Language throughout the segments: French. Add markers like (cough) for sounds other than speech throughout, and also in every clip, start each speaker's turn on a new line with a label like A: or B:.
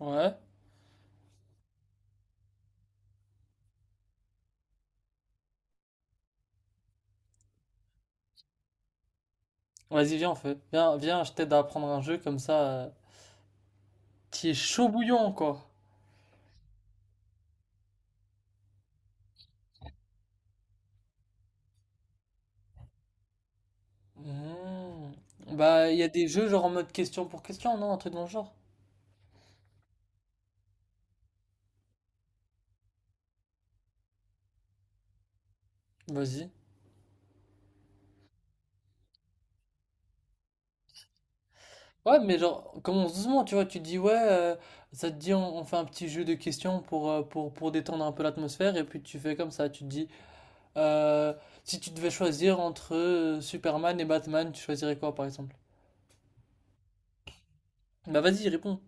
A: Ouais. Vas-y, viens, on fait. Viens, viens, je t'aide à apprendre un jeu comme ça, qui est chaud bouillant, quoi. Hmm. Bah, il y a des jeux genre en mode question pour question, non? Un truc dans le genre. Vas-y. Ouais, mais genre, commence doucement, tu vois. Tu te dis, ouais, ça te dit, on fait un petit jeu de questions pour détendre un peu l'atmosphère. Et puis tu fais comme ça. Tu te dis, euh, si tu devais choisir entre Superman et Batman, tu choisirais quoi, par exemple? Bah, vas-y, réponds.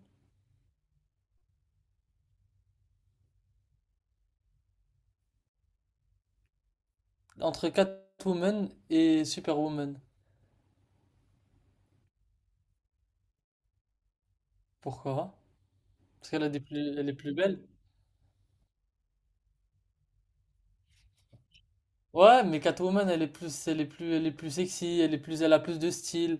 A: Entre Catwoman et Superwoman. Pourquoi? Parce qu'elle a des plus, elle est plus belle. Ouais, mais Catwoman, elle est plus sexy, elle est plus, elle a plus de style.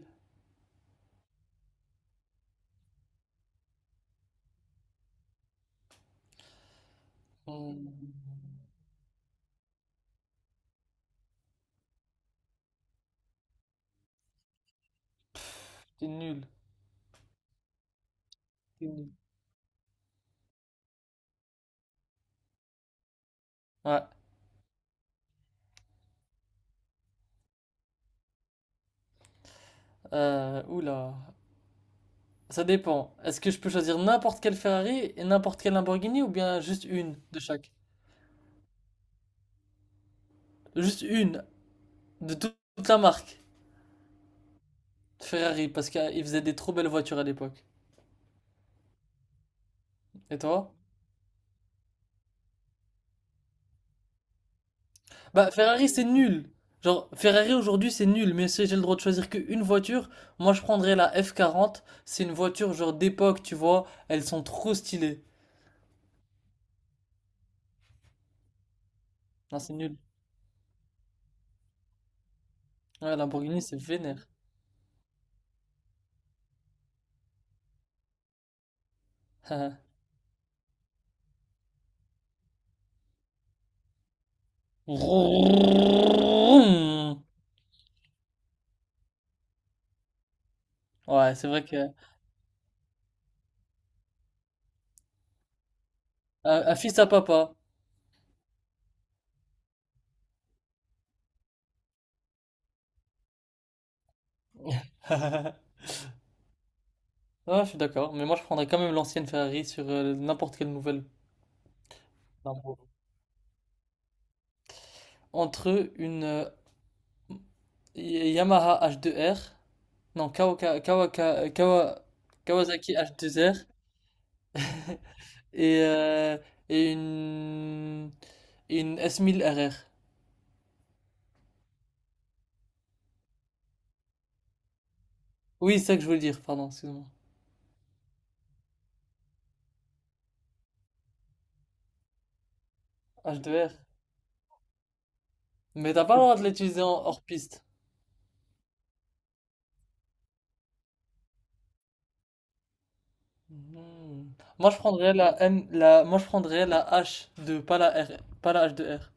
A: Hmm. T'es nul. T'es nul. Ouais. Oula. Ça dépend. Est-ce que je peux choisir n'importe quelle Ferrari et n'importe quelle Lamborghini ou bien juste une de chaque? Juste une de toute la marque Ferrari parce qu'ils faisaient des trop belles voitures à l'époque. Et toi? Bah, Ferrari, c'est nul. Genre, Ferrari aujourd'hui, c'est nul. Mais si j'ai le droit de choisir qu'une voiture, moi, je prendrais la F40. C'est une voiture, genre, d'époque, tu vois. Elles sont trop stylées. Non, c'est nul. Ouais, Lamborghini, c'est vénère. (laughs) Ouais, c'est vrai que. Un fils à papa. (laughs) Ouais, je suis d'accord. Mais moi, je prendrais quand même l'ancienne Ferrari sur n'importe quelle nouvelle. Lambo. Entre une, Yamaha H2R, non, Kawasaki H2R et, euh, et une S1000 RR. Oui, c'est ça que je voulais dire, pardon, excuse-moi. H2R. Mais t'as pas le droit de l'utiliser en hors piste. Mhm. Moi, je prendrais la H2, pas la R, pas la H2R.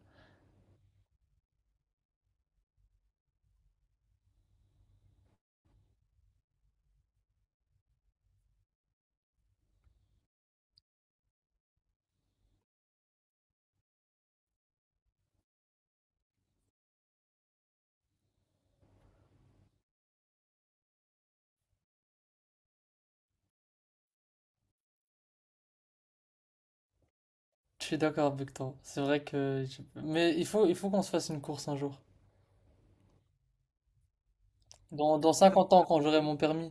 A: Je suis d'accord avec toi. C'est vrai que, mais il faut qu'on se fasse une course un jour. Dans 50 ans, quand j'aurai mon permis.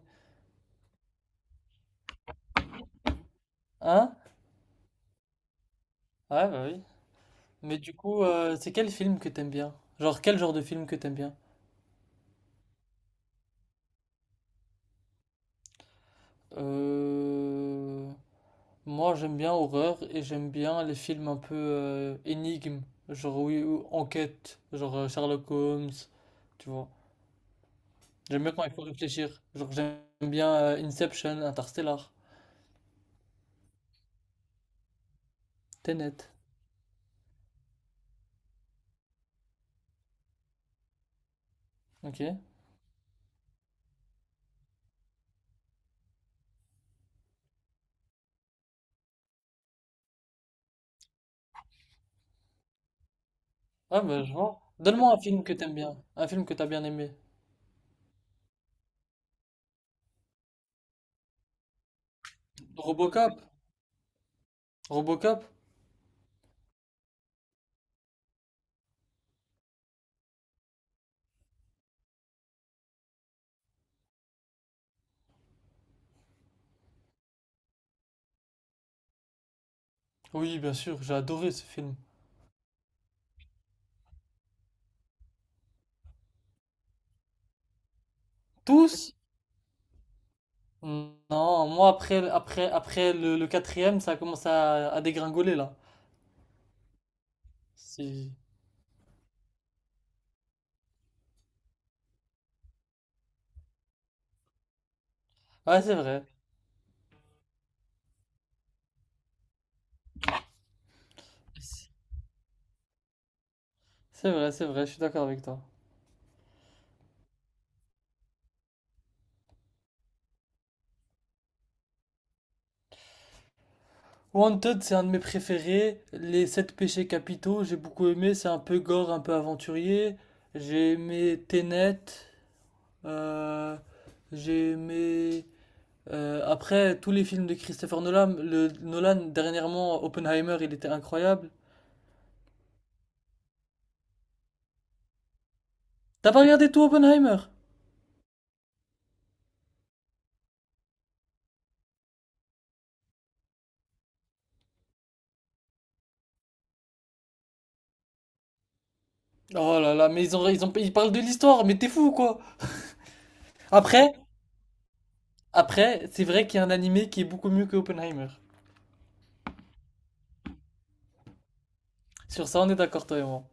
A: Hein? Ouais, bah oui. Mais du coup, c'est quel film que t'aimes bien? Genre, quel genre de film que t'aimes bien? Euh, Moi, j'aime bien horreur et j'aime bien les films un peu énigmes, genre oui, ou enquête, genre Sherlock Holmes, tu vois. J'aime bien quand il faut réfléchir. Genre, j'aime bien Inception, Interstellar, Tenet. Ok. Ah, bah, je vois. Donne-moi un film que t'aimes bien, un film que t'as bien aimé. Robocop? Robocop? Oui, bien sûr, j'ai adoré ce film. Tous? Non, moi après le quatrième, ça commence à dégringoler là. Si- Ouais, c'est vrai. C'est vrai, c'est vrai, je suis d'accord avec toi. Wanted, c'est un de mes préférés. Les sept péchés capitaux, j'ai beaucoup aimé. C'est un peu gore, un peu aventurier. J'ai aimé Tenet. euh, j'ai aimé. Après, tous les films de Christopher Nolan, dernièrement, Oppenheimer, il était incroyable. T'as pas regardé tout Oppenheimer? Oh là là, mais ils parlent de l'histoire, mais t'es fou quoi. Après, après, c'est vrai qu'il y a un animé qui est beaucoup mieux que Oppenheimer. Sur ça, on est d'accord, toi et moi.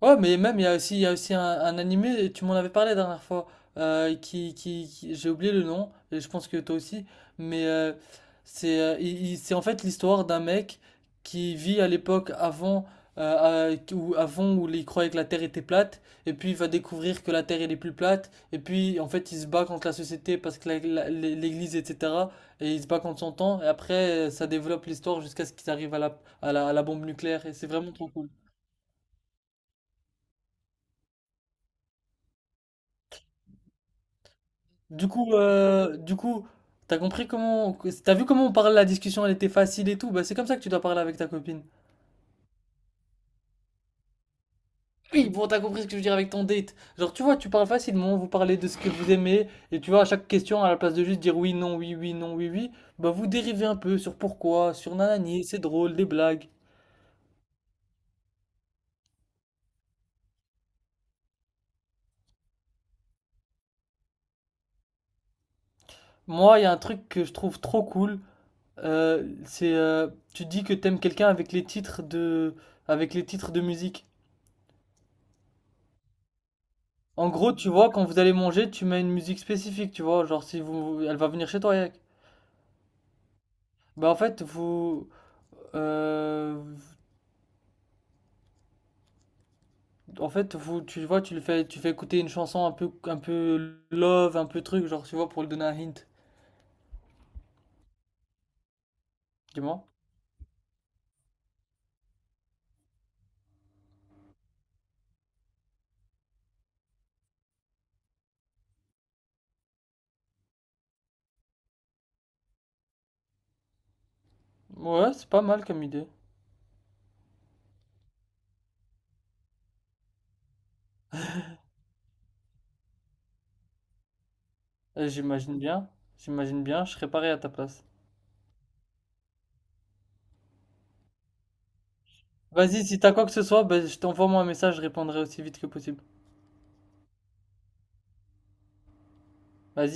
A: Ouais, mais même, il y a aussi un animé, tu m'en avais parlé la dernière fois, j'ai oublié le nom, et je pense que toi aussi, mais c'est en fait l'histoire d'un mec qui vit à l'époque avant, où, avant où il croyait que la Terre était plate, et puis il va découvrir que la Terre elle est plus plate, et puis en fait il se bat contre la société parce que l'Église, etc., et il se bat contre son temps, et après ça développe l'histoire jusqu'à ce qu'ils arrivent à la bombe nucléaire, et c'est vraiment trop cool. Du coup, t'as compris comment, t'as vu comment on parle, la discussion, elle était facile et tout. Bah, c'est comme ça que tu dois parler avec ta copine. Oui, bon, t'as compris ce que je veux dire avec ton date. Genre, tu vois, tu parles facilement, vous parlez de ce que vous aimez, et tu vois, à chaque question, à la place de juste dire oui, non, oui, oui, non, oui, oui, bah, vous dérivez un peu sur pourquoi, sur nanani, c'est drôle, des blagues. Moi, il y a un truc que je trouve trop cool, euh, c'est, euh, tu dis que t'aimes quelqu'un avec avec les titres de musique. En gros, tu vois, quand vous allez manger, tu mets une musique spécifique, tu vois. Genre, si vous, elle va venir chez toi, Yak. Bah, en fait, euh, vous, tu vois, tu le fais, tu fais écouter une chanson un peu love, un peu truc, genre, tu vois, pour lui donner un hint. Dis-moi. Ouais, c'est pas mal comme idée. Euh, j'imagine bien, j'imagine bien, je serais pareil à ta place. Vas-y, si t'as quoi que ce soit, bah, je t'envoie moi un message, je répondrai aussi vite que possible. Vas-y.